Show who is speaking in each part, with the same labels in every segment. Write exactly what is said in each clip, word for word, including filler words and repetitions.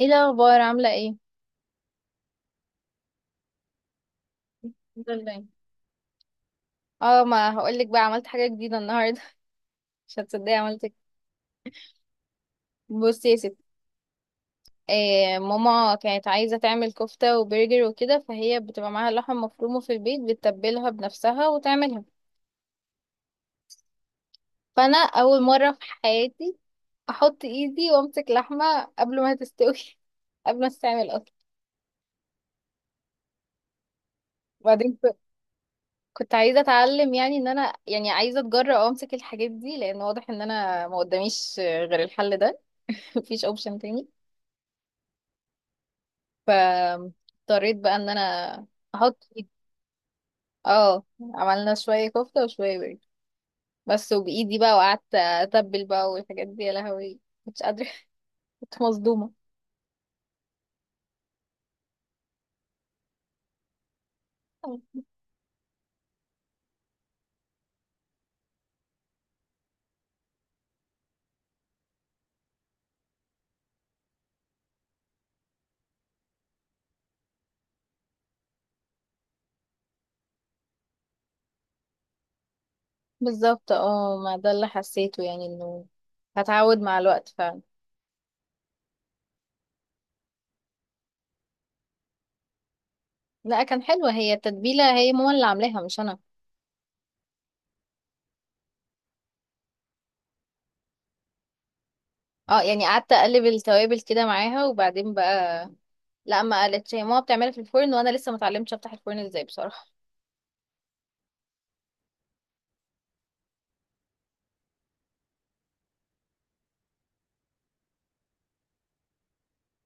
Speaker 1: ايه الاخبار، عامله ايه؟ الحمد لله. اه، ما هقولك بقى، عملت حاجه جديده النهارده. مش هتصدقي عملت إيه. بصي يا ستي، إيه، ماما كانت عايزه تعمل كفته وبرجر وكده، فهي بتبقى معاها لحم مفرومه في البيت، بتتبلها بنفسها وتعملها. فانا اول مره في حياتي احط ايدي وامسك لحمه قبل ما تستوي. قبل ما تستعمل اصلا. وبعدين ك- كنت عايزه اتعلم، يعني ان انا يعني عايزه اتجرأ وامسك الحاجات دي، لان واضح ان انا ما قداميش غير الحل ده. مفيش اوبشن تاني. فاضطريت بقى ان انا احط ايدي. اه، عملنا شوية كفتة وشوية برجر بس، وبايدي بقى، وقعدت اتبل بقى والحاجات دي، يا لهوي مش قادرة. كنت مصدومة. بالظبط اه، ما ده اللي حسيته، يعني انه هتعود مع الوقت فعلا. لا، كان حلوة هي التتبيلة، هي ماما اللي عاملاها مش انا. اه يعني قعدت اقلب التوابل كده معاها، وبعدين بقى لا، ما قالتش، هي ماما بتعملها في الفرن، وانا لسه ما اتعلمتش افتح الفرن ازاي بصراحة.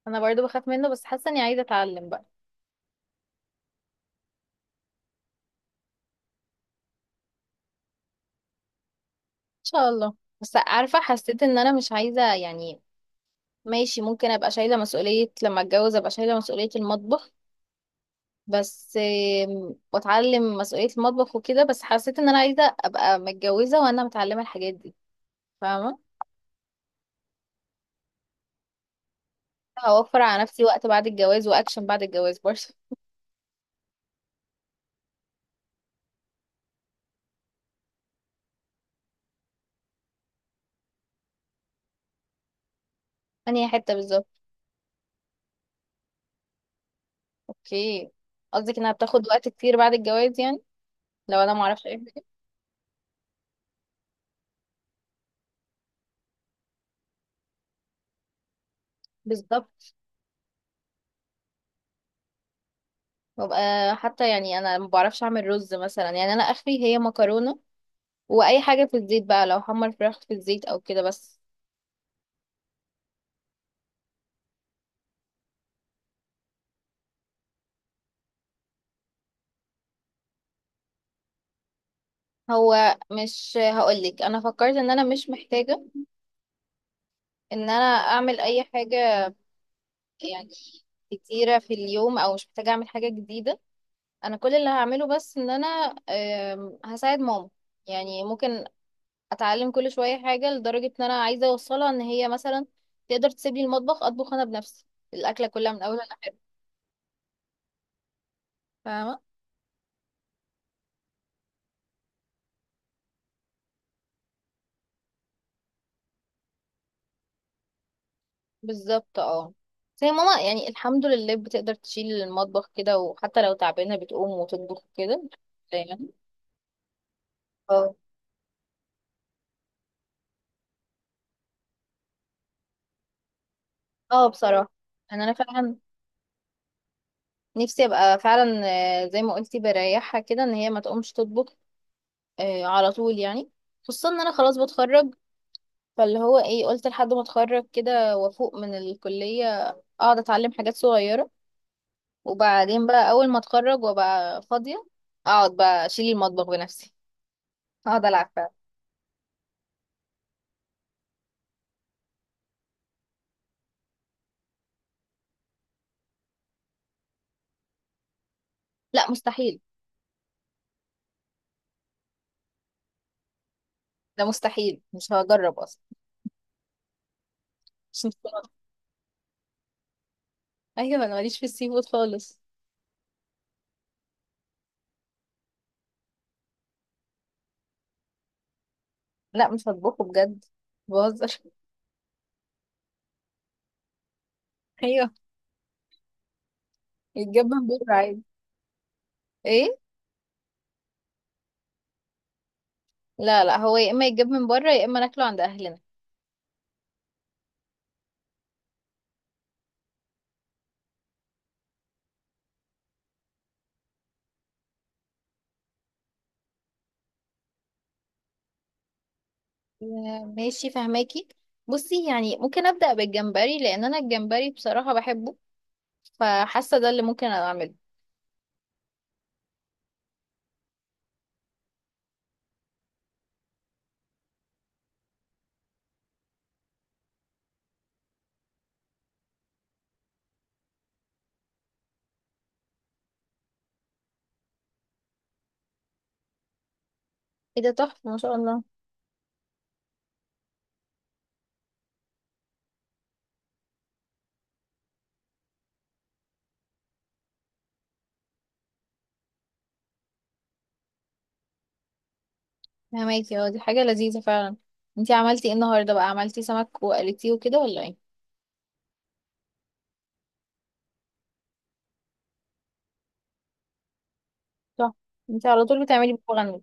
Speaker 1: انا برضو بخاف منه، بس حاسة اني عايزة اتعلم بقى شاء الله. بس عارفة، حسيت ان انا مش عايزة يعني ماشي، ممكن ابقى شايلة مسؤولية لما اتجوز، ابقى شايلة مسؤولية المطبخ بس. آم، واتعلم مسؤولية المطبخ وكده، بس حسيت ان انا عايزة ابقى متجوزة وانا متعلمة الحاجات دي، فاهمة. هوفر على نفسي وقت بعد الجواز، واكشن بعد الجواز برضه. انهي حتة بالظبط؟ اوكي، قصدك انها بتاخد وقت كتير بعد الجواز يعني لو انا معرفش ايه. بالظبط، وابقى حتى يعني انا ما بعرفش اعمل رز مثلا، يعني انا اخري هي مكرونة واي حاجه في الزيت بقى، لو حمر فراخ في الزيت او كده بس. هو مش هقولك، انا فكرت ان انا مش محتاجه ان انا اعمل اي حاجه يعني كتيره في اليوم، او مش محتاجه اعمل حاجه جديده. انا كل اللي هعمله بس ان انا آم، هساعد ماما، يعني ممكن اتعلم كل شويه حاجه، لدرجه ان انا عايزه اوصلها ان هي مثلا تقدر تسيب لي المطبخ، اطبخ انا بنفسي الاكله كلها من اولها لاخرها، فاهمه. بالظبط اه، بس هي ماما يعني الحمد لله بتقدر تشيل المطبخ كده، وحتى لو تعبانة بتقوم وتطبخ كده يعني. اه. اه بصراحة، انا انا فعلا نفسي ابقى فعلا، آه، زي ما قلتي، بريحها كده ان هي ما تقومش تطبخ آه، على طول يعني. خصوصا ان انا خلاص بتخرج، فاللي هو ايه، قلت لحد ما اتخرج كده وافوق من الكلية، اقعد اتعلم حاجات صغيرة، وبعدين بقى اول ما اتخرج وابقى فاضية، اقعد بقى اشيل المطبخ بنفسي، اقعد العب فعلا. لا مستحيل، ده مستحيل، مش هجرب اصلا. مش مستوعبة. ايوه، انا ماليش في السي فود خالص. لا مش هطبخه بجد، بهزر. ايوه، يتجاب من بره عادي. ايه؟ لا لا، هو يا اما يتجاب من بره، يا اما ناكله عند اهلنا. ماشي فهماكي، بصي يعني ممكن ابدا بالجمبري، لان انا الجمبري بصراحه بحبه، فحاسه ده اللي ممكن اعمله. ايه ده، تحفه ما شاء الله. فهماكي اه، دي حاجه لذيذه فعلا. انتي عملتي ايه النهارده بقى، عملتي سمك وقلتيه وكده ولا ايه؟ تحفه، انتي على طول بتعملي بابا غنوج.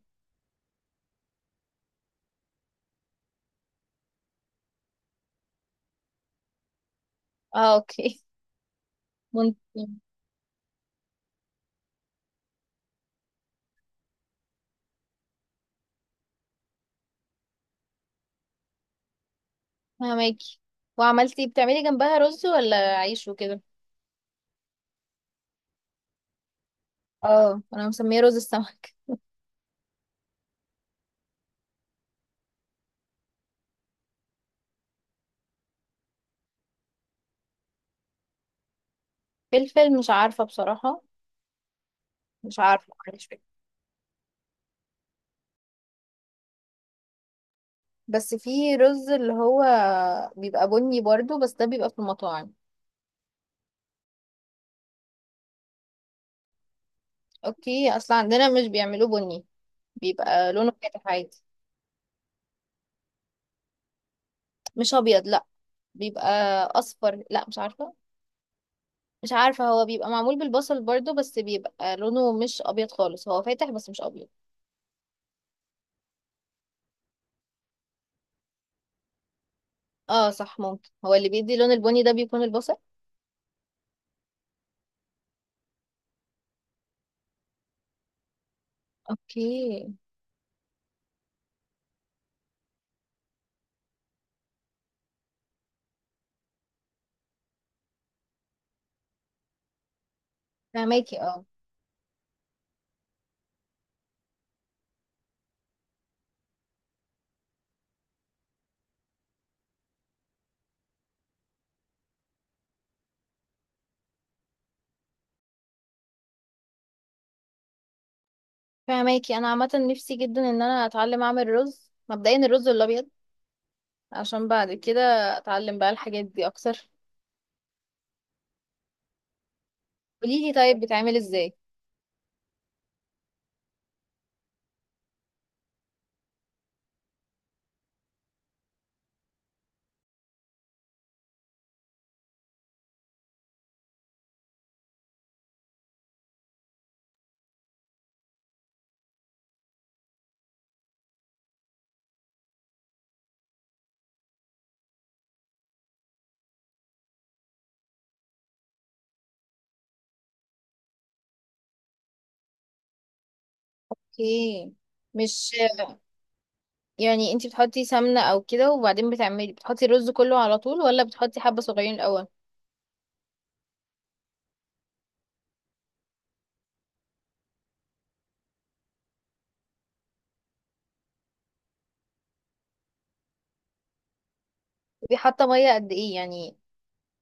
Speaker 1: اه اوكي، ممكن، فهماكي. وعملتي، بتعملي جنبها رز ولا عيش وكده؟ اه، انا مسميه رز السمك. فلفل، مش عارفه بصراحه، مش عارفه معلش فكرة. بس في رز اللي هو بيبقى بني برضو، بس ده بيبقى في المطاعم. اوكي، اصلا عندنا مش بيعملوه بني، بيبقى لونه فاتح عادي. مش ابيض لا، بيبقى اصفر، لا مش عارفه، مش عارفه، هو بيبقى معمول بالبصل برضو، بس بيبقى لونه مش ابيض خالص، هو فاتح بس مش ابيض. اه صح، ممكن هو اللي بيدي لون البني ده بيكون البصل. اوكي فهماكي اه. فهماكي، انا عامه نفسي جدا ان انا اتعلم اعمل رز، مبدئيا الرز الابيض، عشان بعد كده اتعلم بقى الحاجات دي اكتر. قوليلي طيب، بتعمل ازاي؟ اوكي، مش يعني انتي بتحطي سمنه او كده، وبعدين بتعملي، بتحطي الرز كله على طول ولا بتحطي حبه صغيرين الاول؟ ودي حاطه ميه قد ايه يعني،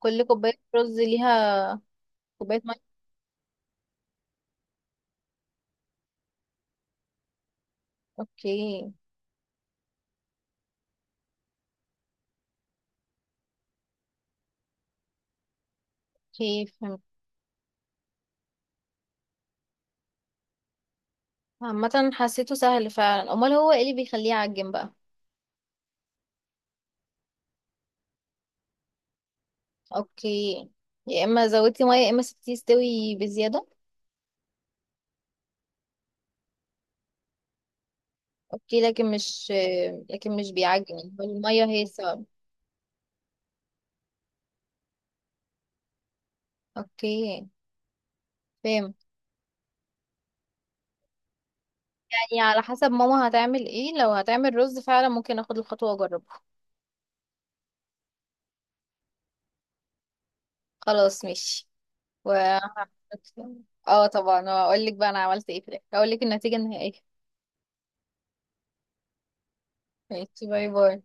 Speaker 1: كل كوبايه رز ليها كوبايه ميه؟ اوكي. اوكي فهمت، عامه حسيته سهل فعلا، امال هو ايه اللي بيخليه يعجن بقى؟ اوكي، يا اما زودتي ميه يا اما سبتيه يستوي بزياده. اوكي، لكن مش، لكن مش بيعجن، هو الميه هي السبب؟ اوكي فاهم. يعني على حسب ماما هتعمل ايه، لو هتعمل رز فعلا ممكن اخد الخطوه واجربه. خلاص ماشي. و اه طبعا، واقول لك بقى انا عملت ايه في الاخر، هقول لك النتيجه النهائيه. ماشي، باي باي.